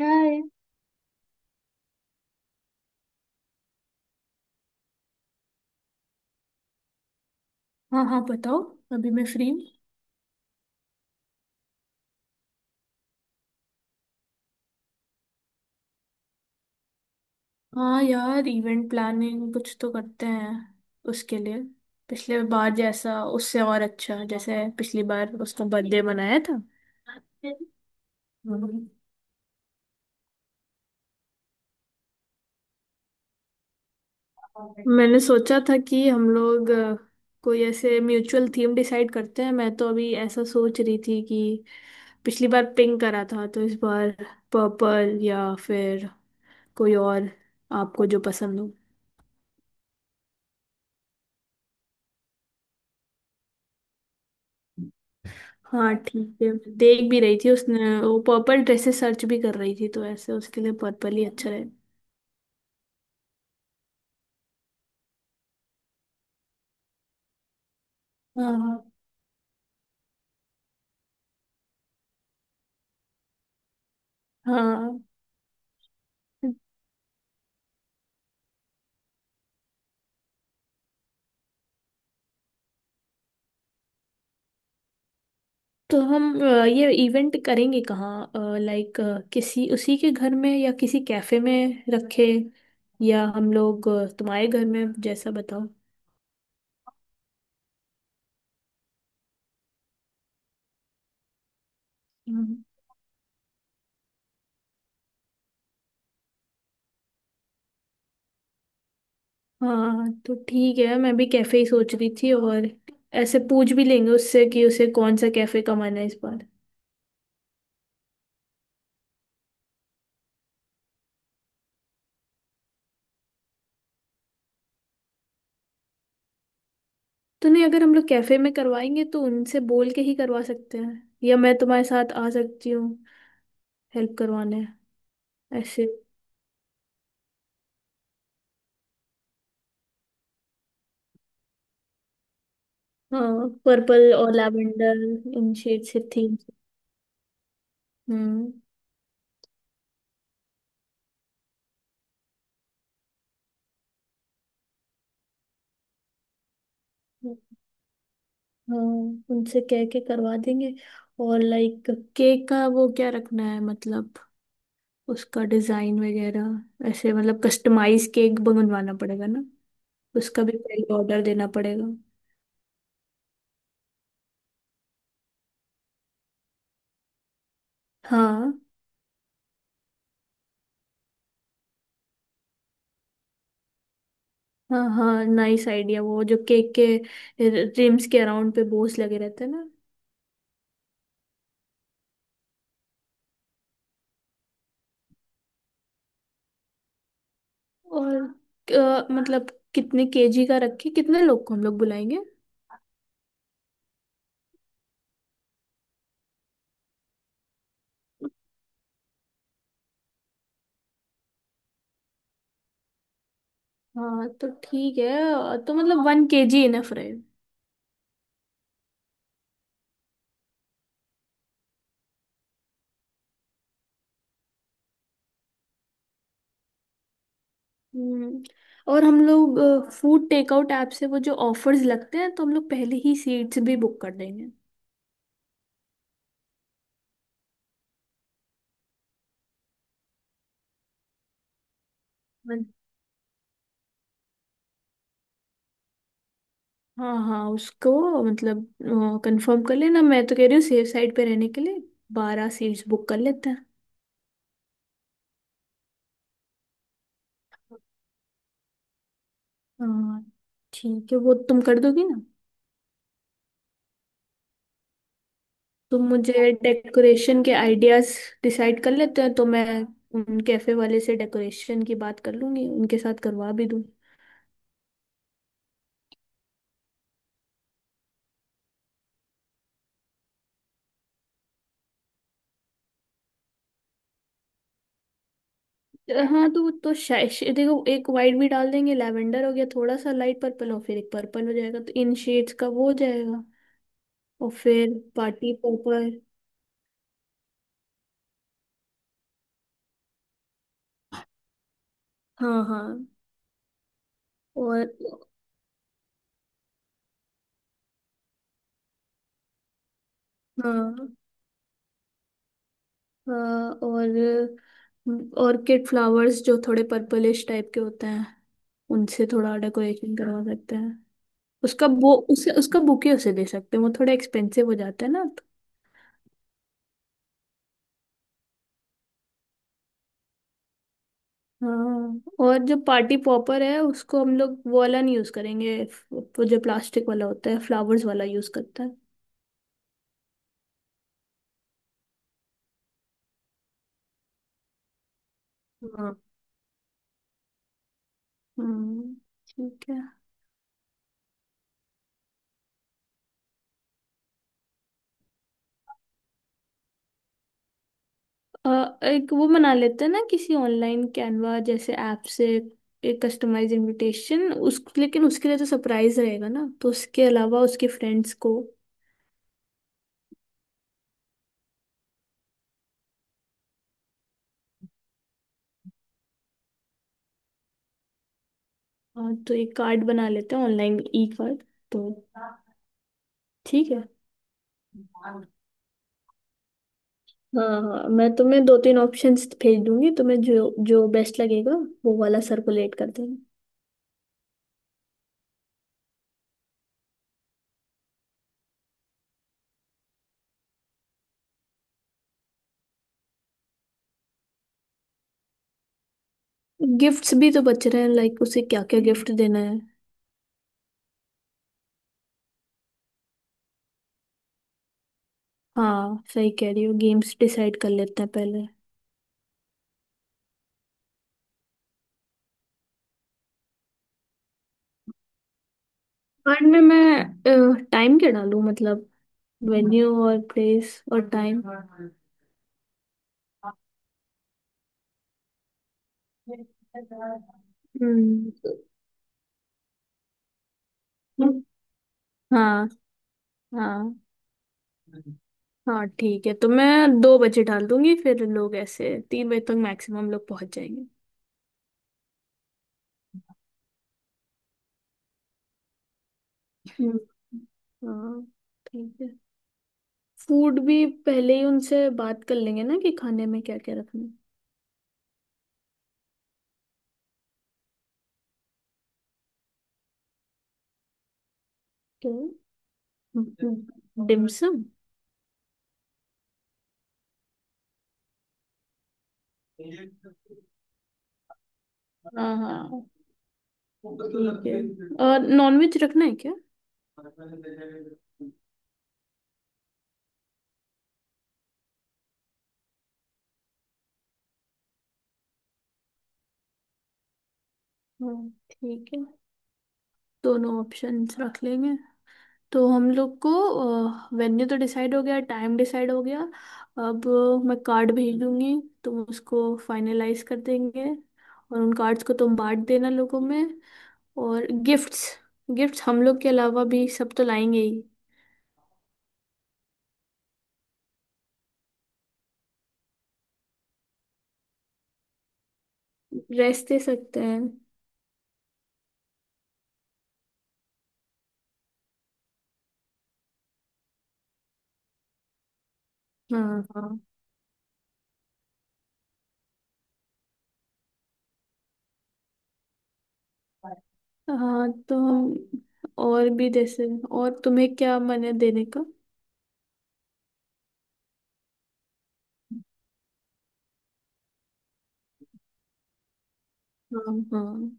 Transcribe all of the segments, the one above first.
यार, हाँ हाँ बताओ। अभी मैं फ्री हूँ। हाँ यार, इवेंट प्लानिंग कुछ तो करते हैं उसके लिए। पिछले बार जैसा उससे और अच्छा, जैसे पिछली बार उसका बर्थडे मनाया था। मैंने सोचा था कि हम लोग कोई ऐसे म्यूचुअल थीम डिसाइड करते हैं। मैं तो अभी ऐसा सोच रही थी कि पिछली बार पिंक करा था, तो इस बार पर्पल या फिर कोई और, आपको जो पसंद हो। हाँ ठीक है। देख भी रही थी, उसने वो पर्पल ड्रेसेस सर्च भी कर रही थी, तो ऐसे उसके लिए पर्पल ही अच्छा रहे। हाँ हाँ। तो हम ये इवेंट करेंगे कहाँ? लाइक किसी उसी के घर में या किसी कैफे में रखे? या हम लोग तुम्हारे घर में, जैसा बताओ। हम्म, हाँ। तो ठीक है, मैं भी कैफे ही सोच रही थी। और ऐसे पूछ भी लेंगे उससे कि उसे कौन सा कैफे का मन है इस बार। तो नहीं, अगर हम लोग कैफे में करवाएंगे तो उनसे बोल के ही करवा सकते हैं, या मैं तुम्हारे साथ आ सकती हूँ हेल्प करवाने। ऐसे। हाँ, पर्पल और लैवेंडर इन शेड से थीम। हम्म। हाँ, उनसे कह के करवा देंगे। और लाइक केक का वो क्या रखना है, मतलब उसका डिजाइन वगैरह, ऐसे मतलब कस्टमाइज केक बनवाना पड़ेगा ना। उसका भी पहले ऑर्डर देना पड़ेगा। हाँ हाँ हाँ, नाइस आइडिया। वो जो केक के रिम्स के अराउंड पे बोस लगे रहते हैं ना। और मतलब कितने केजी का रखे, कितने लोग को हम लोग बुलाएंगे? हाँ तो ठीक है। तो मतलब 1 केजी इनफ रहे। हम्म और हम लोग फूड टेकआउट ऐप से वो जो ऑफर्स लगते हैं, तो हम लोग पहले ही सीट्स भी बुक कर देंगे। मन- हाँ हाँ, उसको मतलब कंफर्म कर लेना। मैं तो कह रही हूँ सेफ साइड पे रहने के लिए 12 सीट्स बुक कर लेते हैं। हाँ ठीक है। वो तुम कर दोगी ना? तुम मुझे डेकोरेशन के आइडियाज। डिसाइड कर लेते हैं तो मैं उन कैफे वाले से डेकोरेशन की बात कर लूंगी, उनके साथ करवा भी दूँ। हाँ, तो शायद देखो एक वाइट भी डाल देंगे, लैवेंडर हो गया थोड़ा सा लाइट पर्पल और फिर एक पर्पल हो जाएगा, तो इन शेड्स का वो हो जाएगा। और फिर पार्टी पर्पल। हाँ हाँ। और हाँ हाँ। और ऑर्किड फ्लावर्स जो थोड़े पर्पलिश टाइप के होते हैं, उनसे थोड़ा डेकोरेशन करवा सकते हैं। उसका वो, उसे उसका बुके उसे दे सकते हैं। वो थोड़ा एक्सपेंसिव हो जाता है ना, तो। हाँ, और जो पार्टी पॉपर है उसको हम लोग वो वाला नहीं यूज करेंगे, वो जो प्लास्टिक वाला होता है फ्लावर्स वाला यूज करते हैं। हाँ। हम्म। ठीक है। एक वो बना लेते हैं ना किसी ऑनलाइन कैनवा जैसे ऐप से एक कस्टमाइज इनविटेशन। उस लेकिन उसके लिए तो सरप्राइज रहेगा ना, तो उसके अलावा उसके फ्रेंड्स को। हाँ, तो एक कार्ड बना लेते हैं ऑनलाइन, ई कार्ड तो। ठीक है। हाँ हाँ, मैं तुम्हें दो तीन ऑप्शंस भेज दूंगी, तुम्हें जो जो बेस्ट लगेगा वो वाला सर्कुलेट कर देना। गिफ्ट्स भी तो बच रहे हैं, लाइक उसे क्या क्या गिफ्ट देना है। हाँ, सही कह रही हो। गेम्स डिसाइड कर लेते हैं पहले। टाइम क्या डालूं मतलब, वेन्यू और प्लेस और टाइम। हम्म। हाँ हाँ हाँ, ठीक है। तो मैं 2 बजे डाल दूंगी, फिर लोग ऐसे 3 बजे तक मैक्सिमम लोग पहुंच जाएंगे। हम्म, हाँ। ठीक है, फूड भी पहले ही उनसे बात कर लेंगे ना कि खाने में क्या क्या रखना है। तो डिम्सम। हाँ हाँ, ठीक है। और नॉनवेज रखना है क्या? हाँ ठीक है, दोनों ऑप्शंस रख लेंगे। तो हम लोग को, वेन्यू तो डिसाइड हो गया, टाइम डिसाइड हो गया। अब मैं कार्ड भेज दूंगी, तुम उसको फाइनलाइज कर देंगे और उन कार्ड्स को तुम बांट देना लोगों में। और गिफ्ट्स, गिफ्ट्स हम लोग के अलावा भी सब तो लाएंगे ही। ड्रेस दे सकते हैं। हाँ हाँ हाँ, तो हम और भी जैसे, और तुम्हें क्या मन है देने का? हाँ हाँ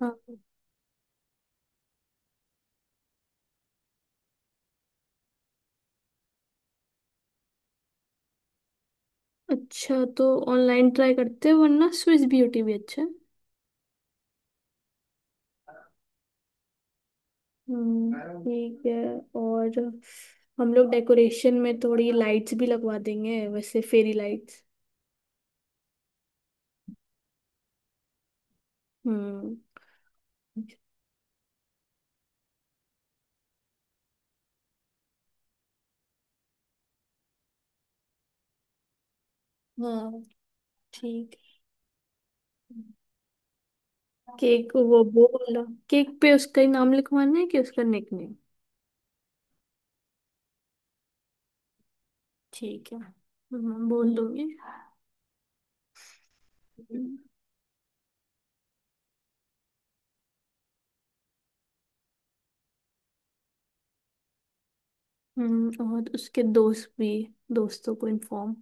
हाँ। अच्छा, तो ऑनलाइन ट्राई करते हैं, वरना स्विस ब्यूटी भी अच्छा है। ठीक है। और हम लोग डेकोरेशन में थोड़ी लाइट्स भी लगवा देंगे, वैसे फेरी लाइट्स। हम्म। हाँ ठीक है। केक वो बोल केक पे उसका ही नाम लिखवाना है कि उसका निकनेम। ठीक है। बोल दूंगी। और उसके दोस्त भी, दोस्तों को इन्फॉर्म।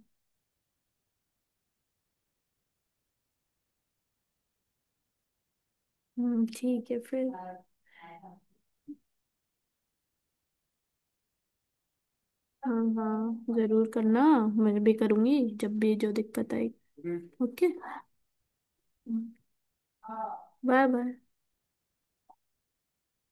हम्म। ठीक है फिर। हाँ हाँ, जरूर करना। मैं भी करूंगी जब भी जो दिक्कत आए। ओके। Bye bye.